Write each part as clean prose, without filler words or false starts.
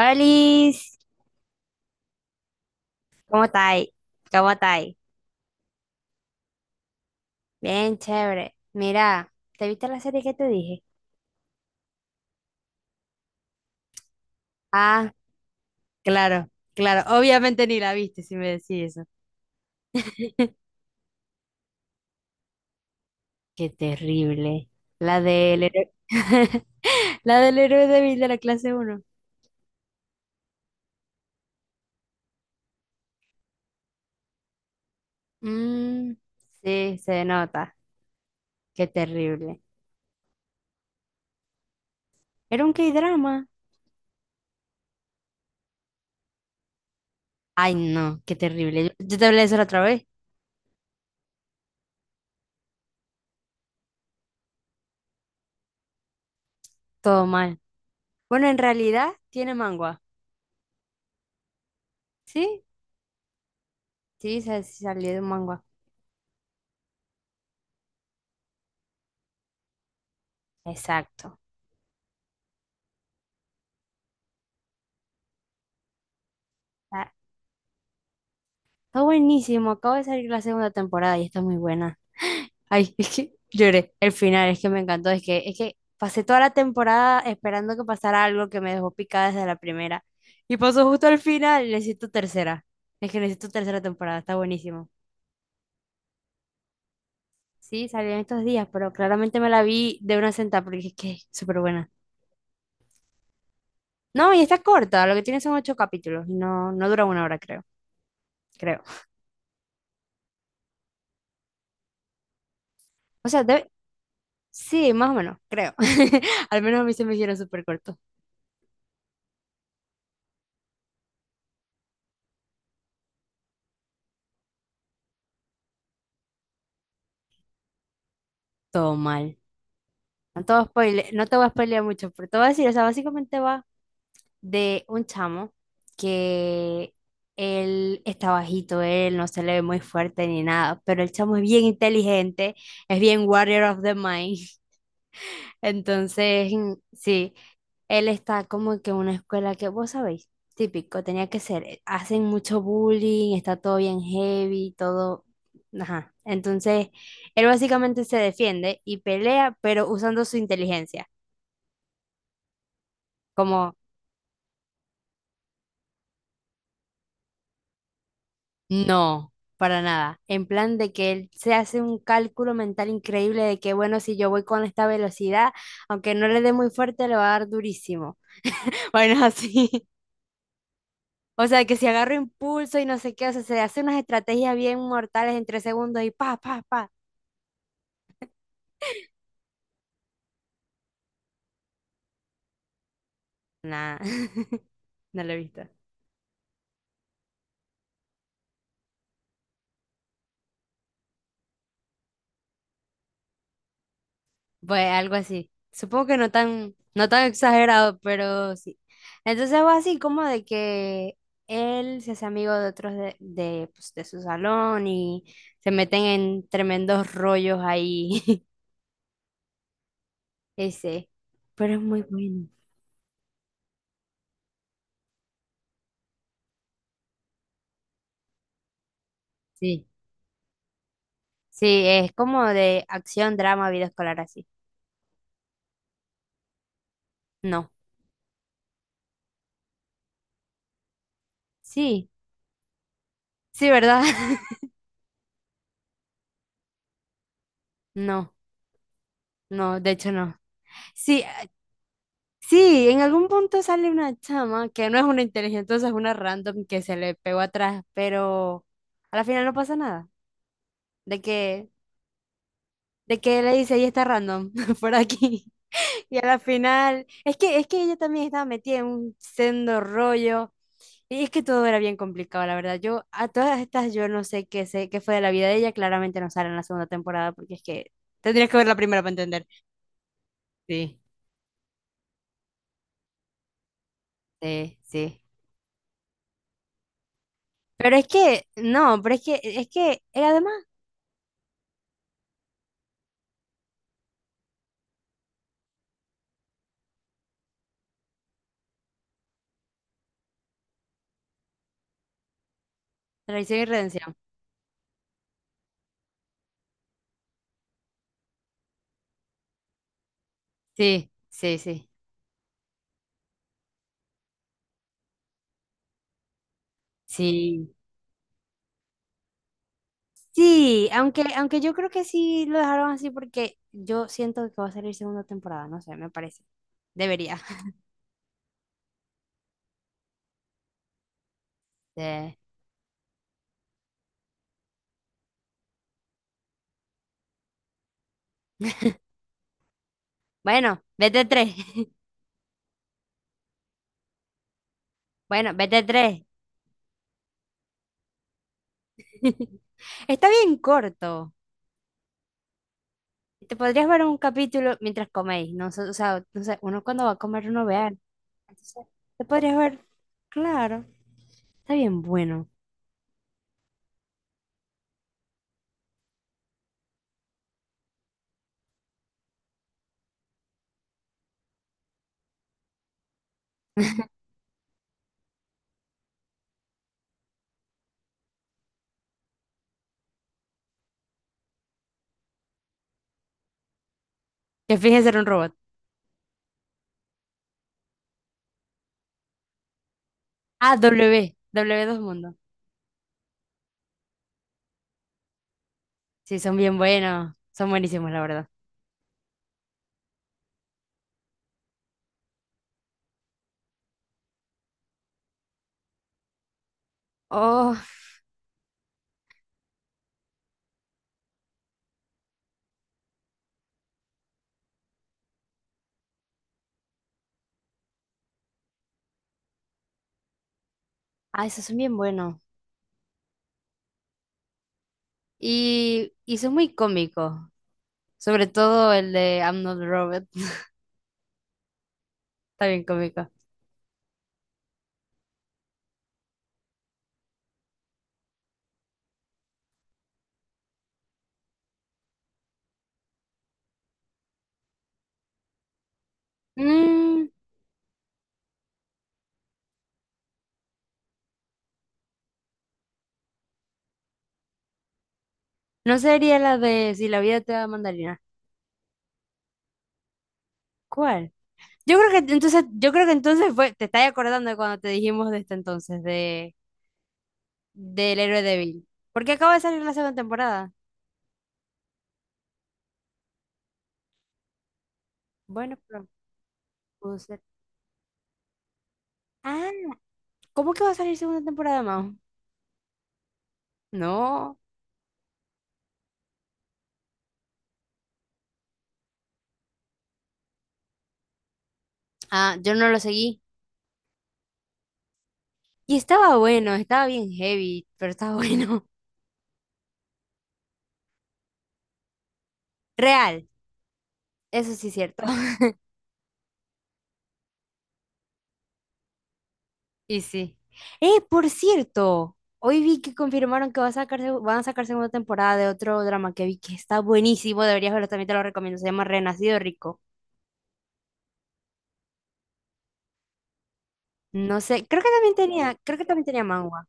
Olis, ¿cómo estáis? ¿Cómo estáis? Bien, chévere. Mira, ¿te viste la serie que te dije? Ah, claro, claro. Obviamente ni la viste si me decís eso. Qué terrible. La del héroe. La del héroe débil de la clase uno. Mm, sí, se nota. Qué terrible. Era un K-drama. Ay, no, qué terrible. Yo te hablé de eso la otra vez. Todo mal. Bueno, en realidad tiene mangua. ¿Sí? Sí, salió de un manga. Exacto. Ah, Está buenísimo. Acaba de salir la segunda temporada y está muy buena. Ay, es que lloré. El final es que me encantó. Es que pasé toda la temporada esperando que pasara algo que me dejó picada desde la primera. Y pasó justo al final. Necesito tercera. Es que necesito tercera temporada. Está buenísimo. Sí, salió en estos días, pero claramente me la vi de una sentada porque es que es súper buena. No, y está corta. Lo que tiene son ocho capítulos. No, no dura una hora, creo. Creo. O sea, Sí, más o menos, creo. Al menos a mí se me hicieron súper cortos. Todo mal. No te voy a spoile- No te voy a spoilear mucho, pero te voy a decir, o sea, básicamente va de un chamo que él está bajito, él no se le ve muy fuerte ni nada, pero el chamo es bien inteligente, es bien warrior of the mind. Entonces, mm, sí. Él está como que en una escuela que vos sabéis, típico, tenía que ser. Hacen mucho bullying, está todo bien heavy, todo. Ajá. Entonces, él básicamente se defiende y pelea, pero usando su inteligencia. Como, no, para nada. En plan de que él se hace un cálculo mental increíble de que, bueno, si yo voy con esta velocidad, aunque no le dé muy fuerte, le va a dar durísimo. Bueno, así. O sea, que si agarro impulso y no sé qué, o sea, se hace unas estrategias bien mortales en tres segundos y pa, pa, pa. Nah, no lo he visto. Pues algo así. Supongo que no tan exagerado, pero sí. Entonces va así como de que él se hace amigo de otros pues, de su salón y se meten en tremendos rollos ahí. Ese. Pero es muy bueno. Sí. Sí, es como de acción, drama, vida escolar así. No. Sí. Sí, ¿verdad? No, no, de hecho no. Sí, sí, en algún punto sale una chama que no es una inteligente, es una random que se le pegó atrás, pero a la final no pasa nada. De que, de que le dice, ella está random por aquí. Y a la final, es que ella también estaba metida en un sendo rollo. Y es que todo era bien complicado, la verdad. Yo, a todas estas, yo no sé qué sé, qué fue de la vida de ella. Claramente no sale en la segunda temporada, porque es que tendrías que ver la primera para entender. Sí, sí, sí. Pero es que, no, pero es que, es que, además, traición y redención. Sí, sí, sí, sí. Sí, aunque yo creo que sí lo dejaron así porque yo siento que va a salir segunda temporada, no sé, me parece. Debería. Sí. Bueno, vete tres. Bueno, vete tres. Está bien corto. Te podrías ver un capítulo mientras coméis, no sé, o sea, no sé, uno cuando va a comer uno vea. Entonces, te podrías ver, claro, está bien bueno. Que finge ser un robot. Ah, W, W dos Mundo. Sí, son bien buenos, son buenísimos, la verdad. Oh, ah, esos son bien buenos. Y son muy cómicos, sobre todo el de I'm Not a Robot, está bien cómico. Mm, no sería la de Si la vida te da mandarina. ¿Cuál? Yo creo que entonces fue, te estás acordando de cuando te dijimos de este entonces, de del héroe débil. Porque acaba de salir la segunda temporada. Bueno, pero pudo ser. Ah, ¿cómo que va a salir segunda temporada, Mao? No. Ah, yo no lo seguí. Y estaba bueno, estaba bien heavy, pero estaba bueno. Real, eso sí es cierto. Y sí. Por cierto, hoy vi que confirmaron que va a sacarse, van a sacar segunda temporada de otro drama que vi que está buenísimo, deberías verlo, también te lo recomiendo, se llama Renacido Rico. No sé, creo que también tenía manga.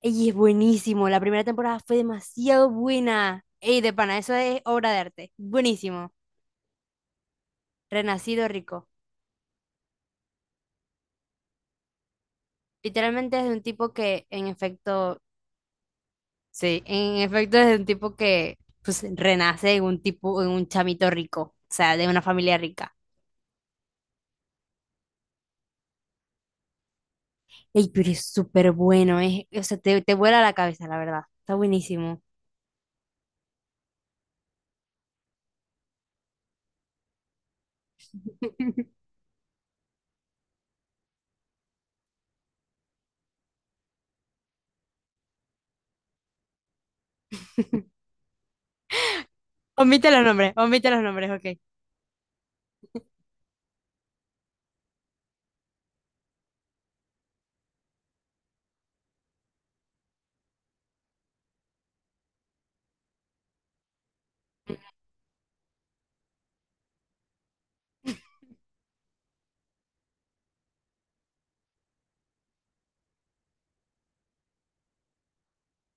Y es buenísimo, la primera temporada fue demasiado buena. Ey, de pana, eso es obra de arte. Buenísimo. Renacido Rico. Literalmente es de un tipo que en efecto. Sí, en efecto es un tipo que pues renace en un tipo, en un chamito rico, o sea, de una familia rica. Ey, pero es súper bueno, eh. O sea, te vuela la cabeza, la verdad. Está buenísimo. Omite los nombres, ok.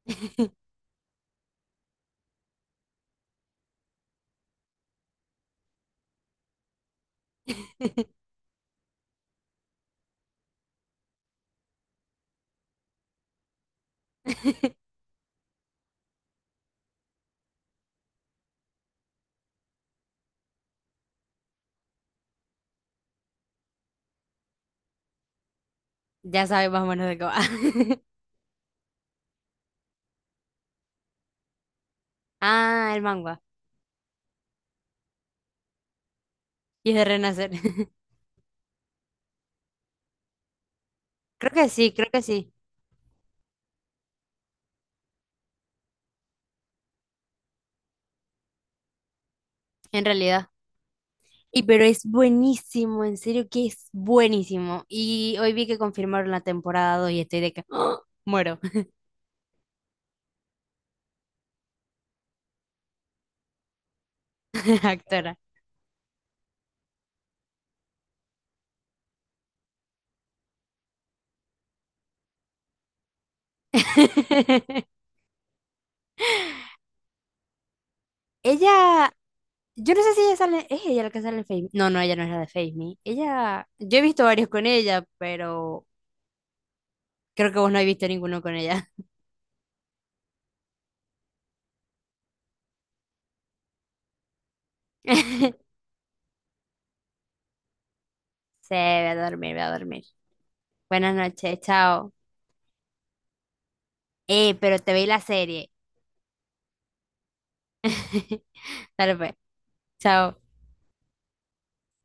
Ya sabes más o menos de qué va. Ah, el manga. Y es de renacer. Creo que sí, en realidad. Y pero es buenísimo, en serio que es buenísimo. Y hoy vi que confirmaron la temporada 2 y estoy de que ¡ah, muero! Actora. Ella, yo no sé si ella sale, es ella la que sale en Face Me. No, no, ella no es la de Face Me. Ella, yo he visto varios con ella, pero creo que vos no has visto ninguno con ella. Sí, voy a dormir, voy a dormir. Buenas noches, chao. Pero te vi la serie. Dale pues, chao.